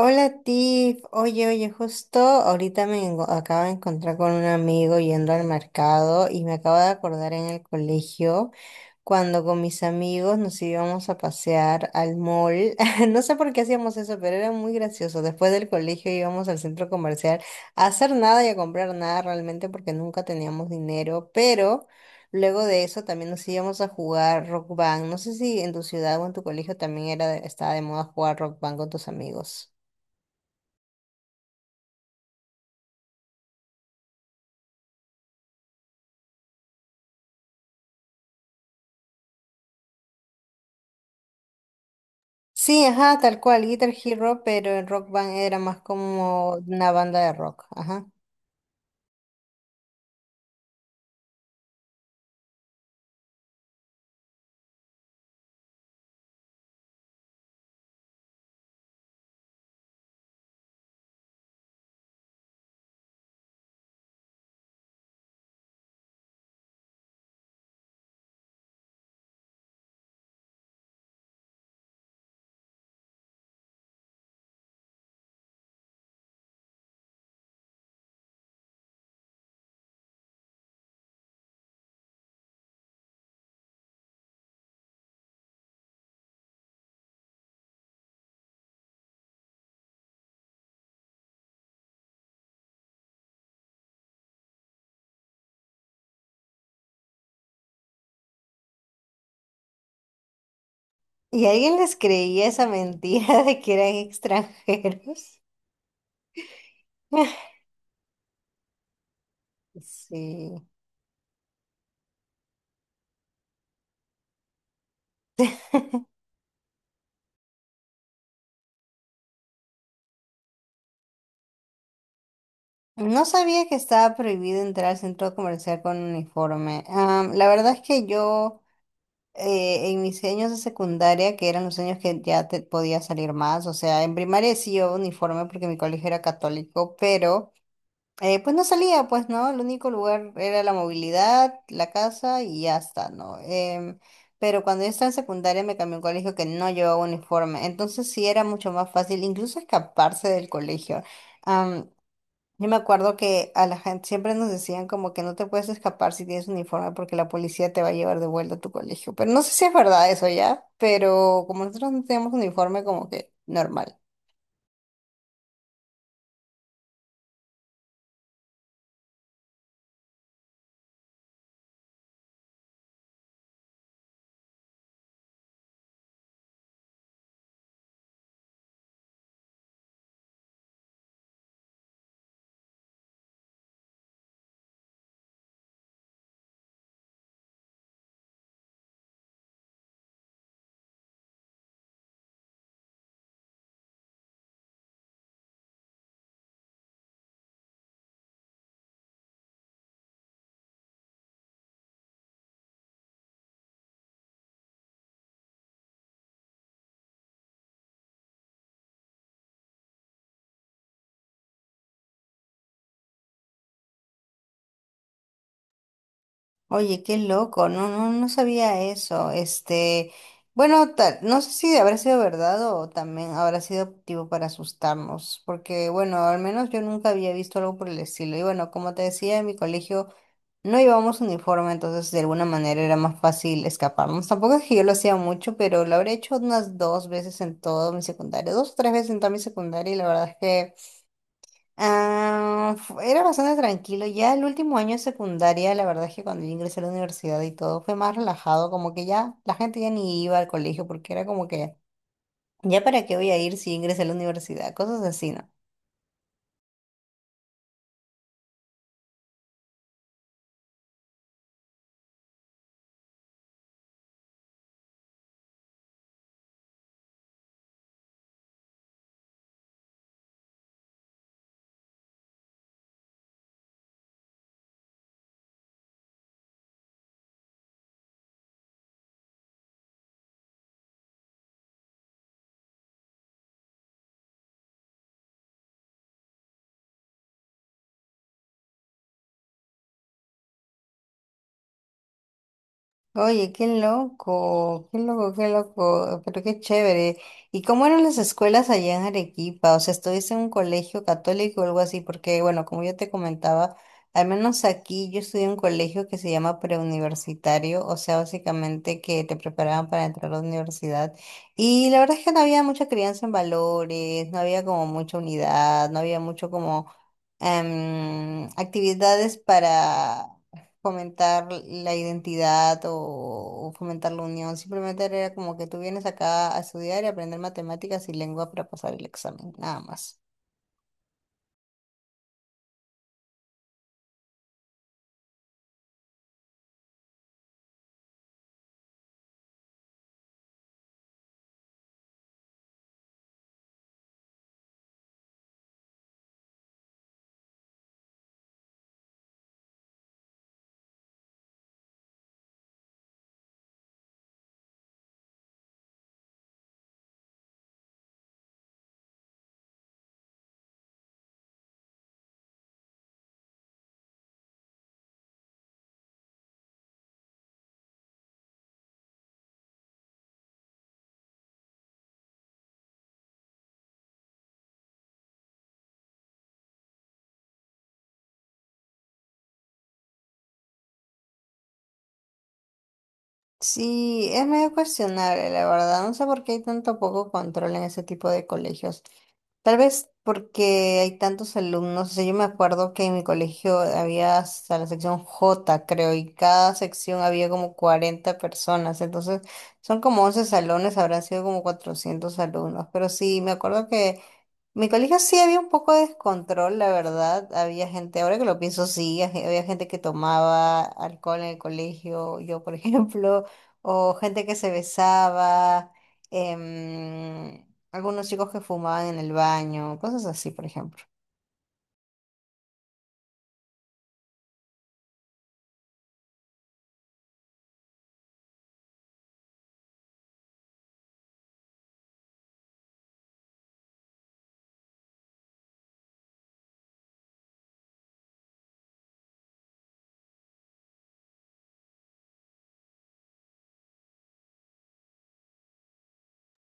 Hola Tiff, oye, oye, justo ahorita acabo de encontrar con un amigo yendo al mercado y me acabo de acordar en el colegio cuando con mis amigos nos íbamos a pasear al mall. No sé por qué hacíamos eso, pero era muy gracioso. Después del colegio íbamos al centro comercial a hacer nada y a comprar nada realmente porque nunca teníamos dinero, pero luego de eso también nos íbamos a jugar Rock Band. No sé si en tu ciudad o en tu colegio también estaba de moda jugar Rock Band con tus amigos. Sí, ajá, tal cual, Guitar Hero, pero en Rock Band era más como una banda de rock, ajá. ¿Y alguien les creía esa mentira de que eran extranjeros? Sí. No sabía que estaba prohibido entrar al centro comercial con uniforme. La verdad es que yo en mis años de secundaria, que eran los años que ya te podía salir más, o sea, en primaria sí llevaba uniforme porque mi colegio era católico, pero pues no salía, pues no, el único lugar era la movilidad, la casa y ya está, ¿no? Pero cuando yo estaba en secundaria me cambié a un colegio que no llevaba uniforme, entonces sí era mucho más fácil incluso escaparse del colegio. Am, yo me acuerdo que a la gente siempre nos decían como que no te puedes escapar si tienes uniforme porque la policía te va a llevar de vuelta a tu colegio, pero no sé si es verdad eso ya, pero como nosotros no teníamos uniforme como que normal. Oye, qué loco, no, no, no sabía eso. Este, bueno, no sé si habrá sido verdad o también habrá sido tipo para asustarnos, porque bueno, al menos yo nunca había visto algo por el estilo. Y bueno, como te decía, en mi colegio no llevábamos uniforme, entonces de alguna manera era más fácil escaparnos. Tampoco es que yo lo hacía mucho, pero lo habré hecho unas dos veces en todo mi secundario, dos o tres veces en toda mi secundaria, y la verdad es que era bastante tranquilo. Ya el último año de secundaria, la verdad es que cuando yo ingresé a la universidad y todo, fue más relajado, como que ya la gente ya ni iba al colegio porque era como que, ¿ya para qué voy a ir si ingresé a la universidad? Cosas así, ¿no? Oye, qué loco, qué loco, qué loco, pero qué chévere. ¿Y cómo eran las escuelas allá en Arequipa? O sea, ¿estuviste en un colegio católico o algo así? Porque, bueno, como yo te comentaba, al menos aquí yo estudié en un colegio que se llama preuniversitario, o sea, básicamente que te preparaban para entrar a la universidad. Y la verdad es que no había mucha crianza en valores, no había como mucha unidad, no había mucho como actividades para fomentar la identidad o fomentar la unión. Simplemente era como que tú vienes acá a estudiar y aprender matemáticas y lengua para pasar el examen, nada más. Sí, es medio cuestionable, la verdad. No sé por qué hay tanto poco control en ese tipo de colegios. Tal vez porque hay tantos alumnos. O sea, yo me acuerdo que en mi colegio había hasta la sección J, creo, y cada sección había como 40 personas. Entonces, son como 11 salones, habrán sido como 400 alumnos. Pero sí, me acuerdo que mi colegio sí había un poco de descontrol, la verdad. Había gente, ahora que lo pienso, sí, había gente que tomaba alcohol en el colegio, yo por ejemplo, o gente que se besaba, em, algunos chicos que fumaban en el baño, cosas así, por ejemplo.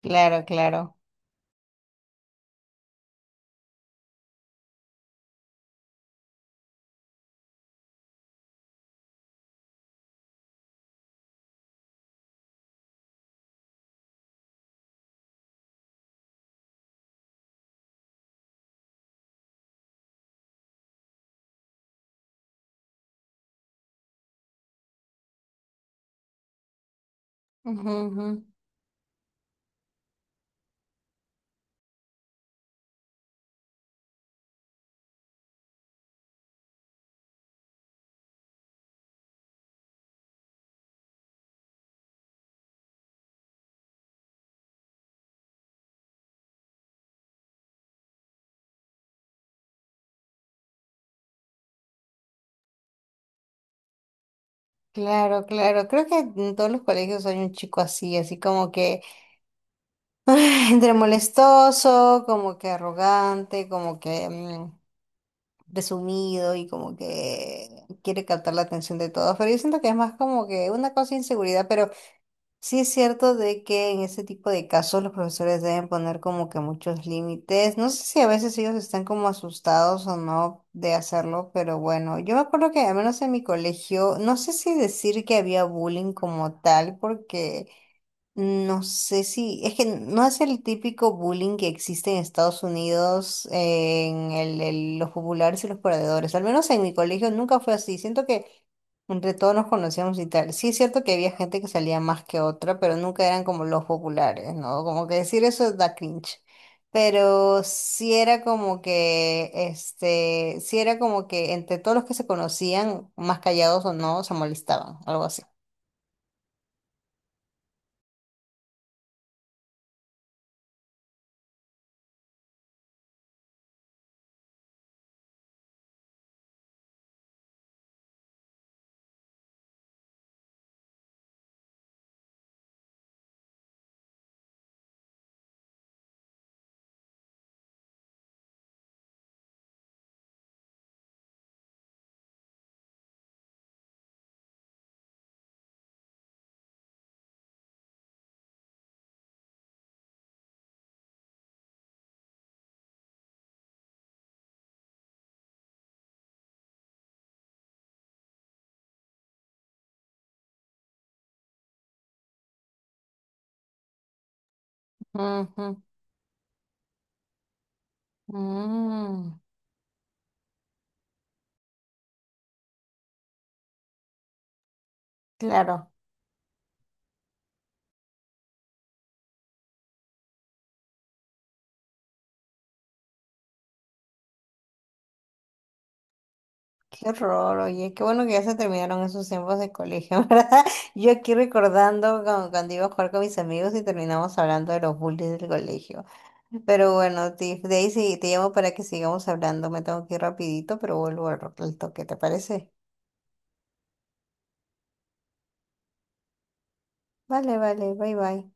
Claro, claro. Ujú, ujú. Claro, claro. Creo que en todos los colegios hay un chico así, así como que entre molestoso, como que arrogante, como que... mm, presumido y como que quiere captar la atención de todos, pero yo siento que es más como que una cosa de inseguridad, pero sí es cierto de que en ese tipo de casos los profesores deben poner como que muchos límites. No sé si a veces ellos están como asustados o no de hacerlo, pero bueno, yo me acuerdo que al menos en mi colegio, no sé si decir que había bullying como tal, porque... No sé si, es que no es el típico bullying que existe en Estados Unidos, en los populares y los perdedores. Al menos en mi colegio nunca fue así. Siento que entre todos nos conocíamos y tal. Sí es cierto que había gente que salía más que otra, pero nunca eran como los populares, ¿no? Como que decir eso da cringe. Pero sí era como que, este, sí era como que entre todos los que se conocían, más callados o no, se molestaban, algo así. Ujú, ujú. Claro, qué horror, oye, qué bueno que ya se terminaron esos tiempos de colegio, ¿verdad? Yo aquí recordando cuando iba a jugar con mis amigos y terminamos hablando de los bullies del colegio. Pero bueno, Tiff, Daisy, te llamo para que sigamos hablando, me tengo que ir rapidito, pero vuelvo al toque, ¿te parece? Vale, vale, bye bye.